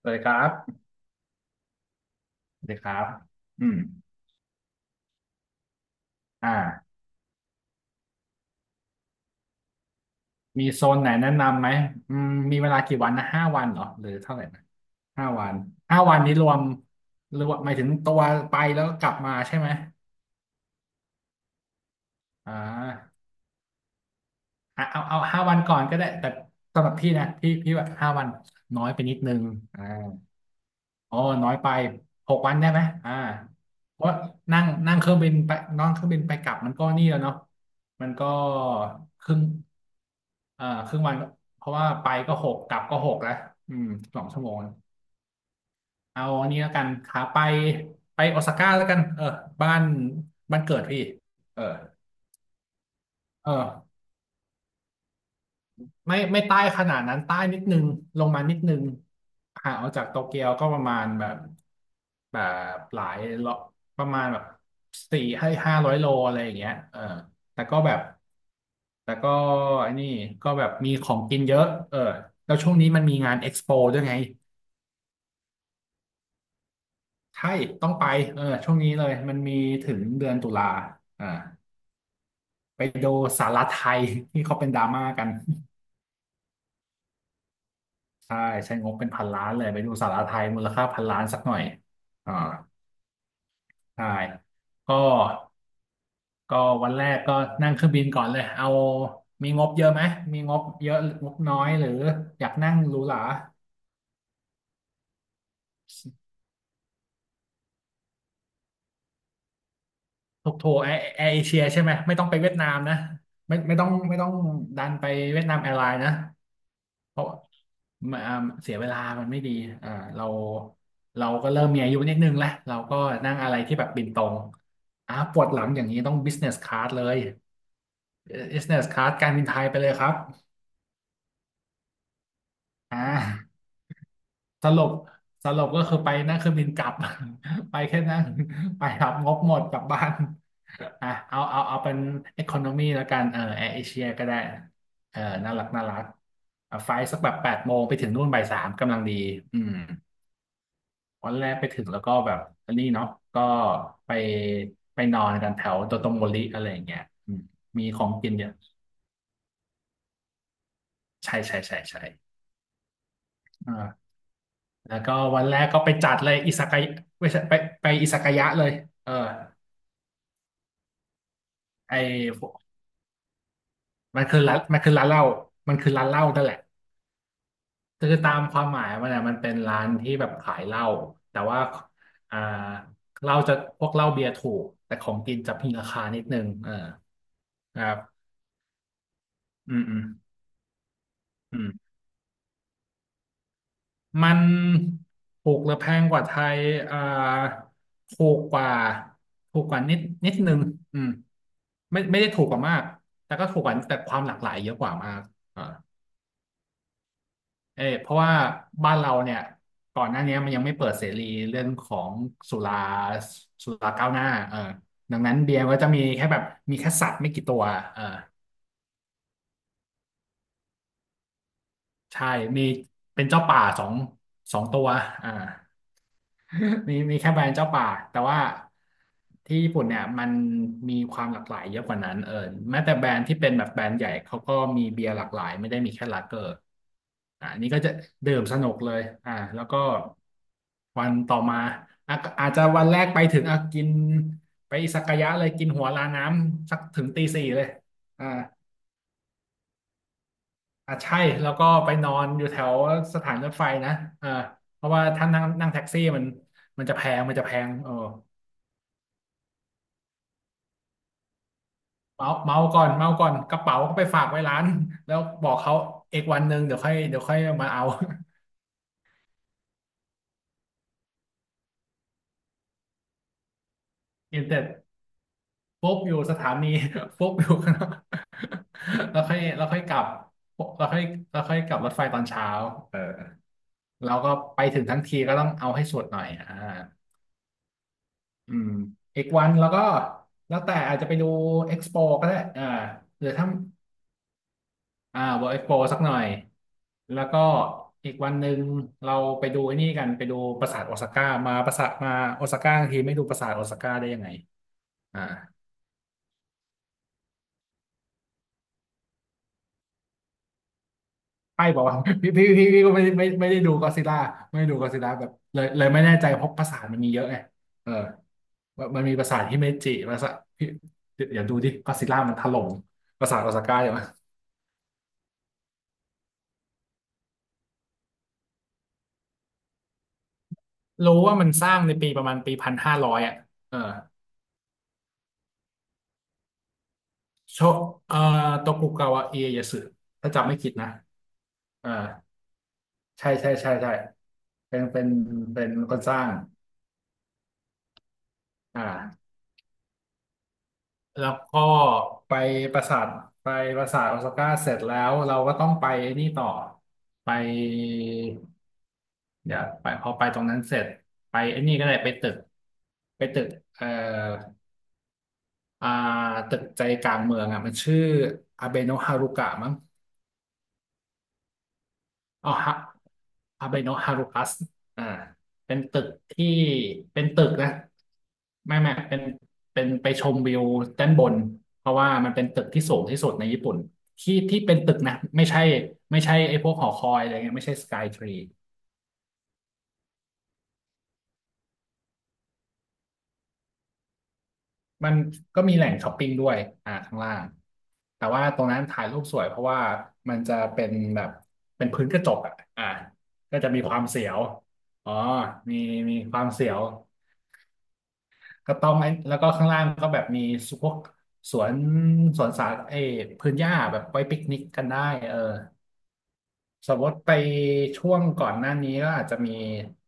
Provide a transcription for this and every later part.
สวัสดีครับสวัสดีครับอืมอ่ามีโซนไหนแนะนำไหมมีเวลากี่วันนะห้าวันเหรอหรือเท่าไหร่นะห้าวันห้าวันนี้รวมหรอวมหมายถึงตัวไปแล้วกลับมาใช่ไหมอ่าอ่ะเอาห้าวันก่อนก็ได้แต่สำหรับพี่นะพี่ว่าห้าวันน้อยไปนิดนึงอ่า อ๋อน้อยไปหกวันได้ไหมเพราะนั่งนั่งเครื่องบินไปนั่งเครื่องบินไปกลับมันก็นี่แล้วเนาะมันก็ครึ่งครึ่งวัน เพราะว่าไปก็หกกลับก็หกแล้วอืมสองชั่วโมงเอาอันนี้แล้วกันขาไปโอซาก้าแล้วกันเออบ้านบ้านเกิดพี่เออเออ ไม่ใต้ขนาดนั้นใต้นิดนึงลงมานิดนึงห่างออกจากโตเกียวก็ประมาณแบบหลายโลประมาณแบบสี่ให้ห้าร้อยโลอะไรอย่างเงี้ยเออแต่ก็แบบแต่ก็ไอ้นี่ก็แบบมีของกินเยอะเออแล้วช่วงนี้มันมีงานเอ็กซ์โปด้วยไงใช่ต้องไปเออช่วงนี้เลยมันมีถึงเดือนตุลาอ่าไปดูสาราไทยที่เขาเป็นดราม่ากันใช่ใช้งบเป็นพันล้านเลยไปดูสาราไทยมูลค่าพันล้านสักหน่อยอ่า ใช่ก็ก็วันแรกก็นั่งเครื่องบินก่อนเลยเอามีงบเยอะไหมมีงบเยอะงบน้อยหรืออยากนั่งหรูหราถูกโทรแอร์เอเชียใช่ไหมไม่ต้องไปเวียดนามนะไม่ต้องไม่ต้องดันไปเวียดนามแอร์ไลน์นะเพราะมันเสียเวลามันไม่ดีอ่าเราเราก็เริ่มมีอายุนิดนึงแล้วเราก็นั่งอะไรที่แบบบินตรงปวดหลังอย่างนี้ต้อง business class เลย business class การบินไทยไปเลยครับอ่า สรุปสรุปก็คือไปนั่งเครื่องบินกลับ ไปแค่นั้น ไปรับงบหมดกลับบ้าน อ่ะเอาเป็นอ c o คโน y แล้วกันเออแอร์เอเชียก็ได้เออน่ารักน่ารักอ่ะไฟล์สักแบบแปดโมงไปถึงนู่นบ่ายสามกำลังดีอืมวันแรกไปถึงแล้วก็แบบอันนี้เนาะก็ไปไปนอนกันแถวโดโตโมริอะไรอย่างเงี้ยอืมมีของกินเยอะใช่ใช่ใช่ใช่อ่าแล้วก็วันแรกก็ไปจัดเลยอิซากายะไม่ใช่ไปอิซากายะเลยเออ ไอ้มันคือร้านมันคือร้านเหล้ามันคือร้านเหล้านั่นแหละคือตามความหมายมันอ่ะมันเป็นร้านที่แบบขายเหล้าแต่ว่าอ่าเหล้าจะพวกเหล้าเบียร์ถูกแต่ของกินจะมีราคานิดนึงเออครับอืมอืมอืมมันถูกหรือแพงกว่าไทยอ่าถูกกว่าถูกกว่านิดนึงอืมไม่ได้ถูกกว่ามากแต่ก็ถูกกว่าแต่ความหลากหลายเยอะกว่ามากอ่า เออเพราะว่าบ้านเราเนี่ยก่อนหน้านี้มันยังไม่เปิดเสรีเรื่องของสุราสุราก้าวหน้าเออดังนั้นเบียร์ก็จะมีแค่แบบมีแค่สัตว์ไม่กี่ตัวเออ ใช่มีเป็นเจ้าป่าสองตัวอ่ามีแค่แบรนด์เจ้าป่าแต่ว่าที่ญี่ปุ่นเนี่ยมันมีความหลากหลายเยอะกว่านั้นเออแม้แต่แบรนด์ที่เป็นแบบแบรนด์ใหญ่เขาก็มีเบียร์หลากหลายไม่ได้มีแค่ลาเกอร์อ่านี่ก็จะดื่มสนุกเลยแล้วก็วันต่อมาอ่ะอาจจะวันแรกไปถึงอ่ะกินไปสักกายะเลยกินหัวลาน้ำสักถึงตีสี่เลยอ่า อ่ะใช่แล้วก็ไปนอนอยู่แถวสถานรถไฟนะเอ่าเพราะว่าถ้านั่งนั่งแท็กซี่มันมันจะแพงเออเมาก่อนเมาก่อนกระเป๋าก็ไปฝากไว้ร้านแล้วบอกเขาเอกวันหนึ่งเดี๋ยวค่อยมาเอา เอนเสร็จปุ๊ บอยู่สถานี ปุ๊บอยู่ข้างนอก แล้วค่อยกลับแล้วค่อยแล้วค่อยกลับรถไฟตอนเช้าเออเราก็ไปถึงทั้งทีก็ต้องเอาให้สุดหน่อยอ่า อืมอีกวันแล้วก็แล้วแต่อาจจะไปดูเอ็กซ์โปก็ได้อ่าหรือถ้าเวิลด์เอ็กซ์โปสักหน่อยแล้วก็อีกวันหนึ่งเราไปดูไอ้นี่กันไปดูปราสาทโอซาก้ามาปราสาทมาโอซาก้าทีไม่ดูปราสาทโอซาก้าได้ยังไงอ่าไอ้บอกว่า พี่ก็ไม่ได้ดูก o d ซิล l ่าไม่ได้ดูก o d ซิล l ่าแบบเลยไม่แน่ใจเพราะปราสาทมันมีเยอะไงเออว่ามันมีปราสาทฮิเมจิปราสาทพี่เดี๋ยวดูดิก o d ซิล l ่ามันถล่มปราสาทโอซาก้าอยู่ รู้ว่ามันสร้างในปีประมาณปี1500อ่ะเออโชเอ่อโตกุกาวะเอีเยสึถ้าจำไม่ผิดนะเออใช่ใช่ใช่ใช่เป็นเป็นเป็นคนสร้างอ่าแล้วก็ไปปราสาทไปปราสาทโอซาก้าเสร็จแล้วเราก็ต้องไปนี่ต่อไปเดี๋ยวไปพอไปตรงนั้นเสร็จไปไอ้นี่ก็ได้ไปตึกเอ่ออ่าตึกใจกลางเมืองอ่ะมันชื่ออาเบโนะฮารุกะมั้ง อ๋อฮะฮาเบโนะฮารุคัสอ่าเป็นตึกที่เป็นตึกนะไม่เป็นไปชมวิวด้านบนเพราะว่ามันเป็นตึกที่สูงที่สุดในญี่ปุ่นที่ที่เป็นตึกนะไม่ใช่ไอ้พวกหอคอยอะไรเงี้ยไม่ใช่สกายทรีมันก็มีแหล่งช้อปปิ้งด้วยอ่าข้างล่างแต่ว่าตรงนั้นถ่ายรูปสวยเพราะว่ามันจะเป็นแบบเป็นพื้นกระจกอ่ะก็จะมีความเสียวอ๋อมีมีความเสียว ก็ต้องไอ้แล้วก็ข้างล่างก็แบบมีพวกสวนสวนสาเออพื้นหญ้าแบบไว้ปิกนิกกันได้เออสมมติไปช่วงก่อนหน้านี้ก็อาจจะมี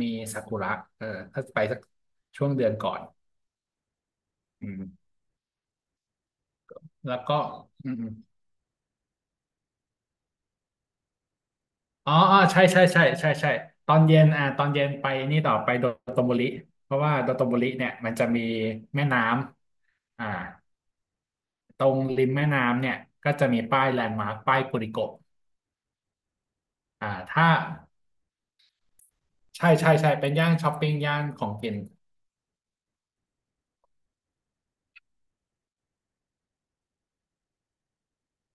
มีซากุระเออถ้าไปสักช่วงเดือนก่อนอืมแล้วก็อืมๆอ๋ออ๋อใช่ใช่ใช่ใช่ใช่ตอนเย็นอ่าตอนเย็นไปนี่ต่อไปโดโตโมริเพราะว่าโดโตโมริเนี่ยมันจะมีแม่น้ำอ่าตรงริมแม่น้ำเนี่ยก็จะมีป้ายแลนด์มาร์คป้ายกุริโกะอ่าถ้า ใช่ใช่ใช่เป็นย่านช้อปปิ้งย่านของกิน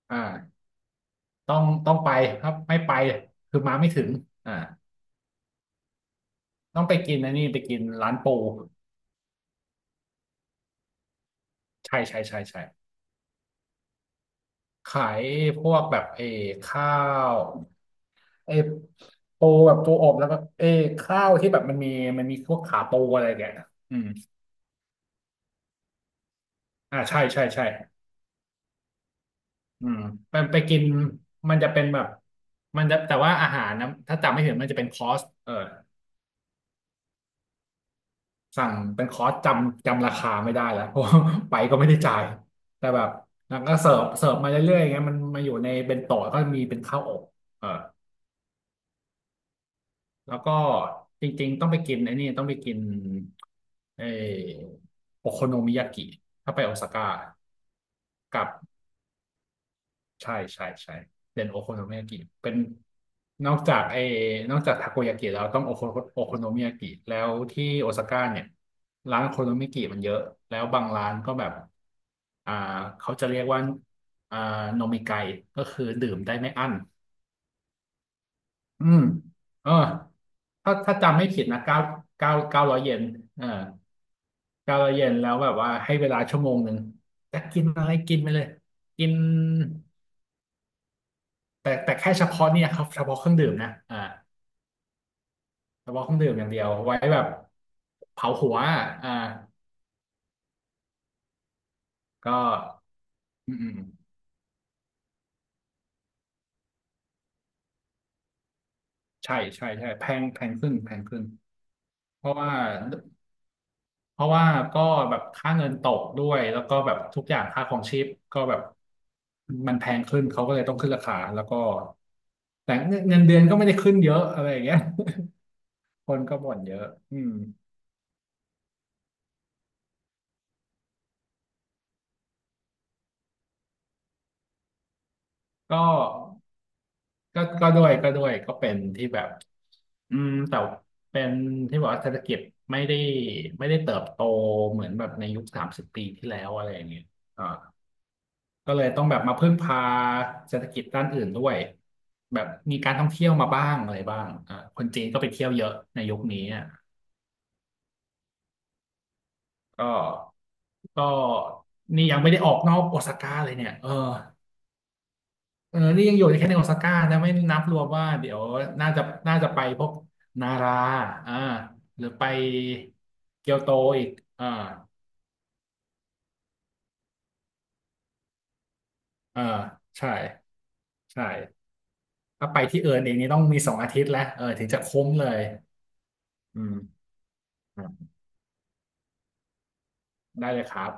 อ่าต้องไปครับไม่ไปคือมาไม่ถึงอ่าต้องไปกินอันนี้ไปกินร้านปูใช่ใช่ใช่ใช่ขายพวกแบบข้าวเออปูแบบปูอบแล้วก็ข้าวที่แบบมันมีพวกขาปูอะไรแกนะอืมอ่าใช่ใช่ใช่อืมไปกินมันจะเป็นแบบมันจะแต่ว่าอาหารนะถ้าจำไม่ผิดมันจะเป็นคอร์สสั่งเป็นคอร์สจำราคาไม่ได้แล้ว เพราะว่าไปก็ไม่ได้จ่ายแต่แบบนางก็เสิร์ฟเสิร์ฟมาเรื่อยๆอย่างเงี้ยมันมาอยู่ในเบนโตะก็มีเป็นข้าวอบเออแล้วก็จริงๆต้องไปกินเออโอโคโนมิยากิถ้าไปโอซาก้ากับ ใช่ใช่ใช่เป็นโอโคโนมิยากิเป็นนอกจากไอ้นอกจากทาโกยากิแล้วต้องโอโคโนมิยากิแล้วที่โอซาก้าเนี่ยร้านโอโคโนมิยากิมันเยอะแล้วบางร้านก็แบบอ่าเขาจะเรียกว่าอ่าโนมิไกก็คือดื่มได้ไม่อั้นอืมเออถ้าจำไม่ผิดนะเก้าร้อยเยนเออเก้าร้อยเยนแล้วแบบว่าให้เวลาชั่วโมงหนึ่งจะกินอะไรกินไปเลยกิน แต่แค่เฉพาะเนี่ยครับเฉพาะเครื่องดื่มนะอ่าเฉพาะเครื่องดื่มอย่างเดียวไว้แบบเผาหัวอ่าก็อืมอืมใช่ใช่ใช่แพงขึ้นเพราะว่าเพราะว่าก็แบบค่าเงินตกด้วยแล้วก็แบบทุกอย่างค่าของชีพก็แบบมันแพงขึ้นเขาก็เลยต้องขึ้นราคาแล้วก็แต่เงินเดือนก็ไม่ได้ขึ้นเยอะอะไรอย่างเงี้ย คนก็บ่นเยอะอืมก็ ก็ด้วยก็เป็นที่แบบอืมแต่เป็นที่บอกว่าเศรษฐกิจไม่ได้เติบโตเหมือนแบบในยุค30 ปีที่แล้วอะไรอย่างเงี้ยอ่าก็เลยต้องแบบมาพึ่งพาเศรษฐกิจด้านอื่นด้วยแบบมีการท่องเที่ยวมาบ้างอะไรบ้างอ่าคนจีนก็ไปเที่ยวเยอะในยุคนี้อ่ะก็ก็นี่ยังไม่ได้ออกนอกโอซาก้าเลยเนี่ยเออ เออนี่ยังอยู่แค่ในโอซาก้านะไม่นับรวมว่าเดี๋ยวน่าจะน่าจะไปพวกนาราอ่าหรือไปเกียวโตอีกอ่าเอ่าใช่ใช่ถ้าไปที่เอิร์นเองนี่ต้องมี2 อาทิตย์แล้วถึงจะคุ้มเลยอืมได้เลยครับ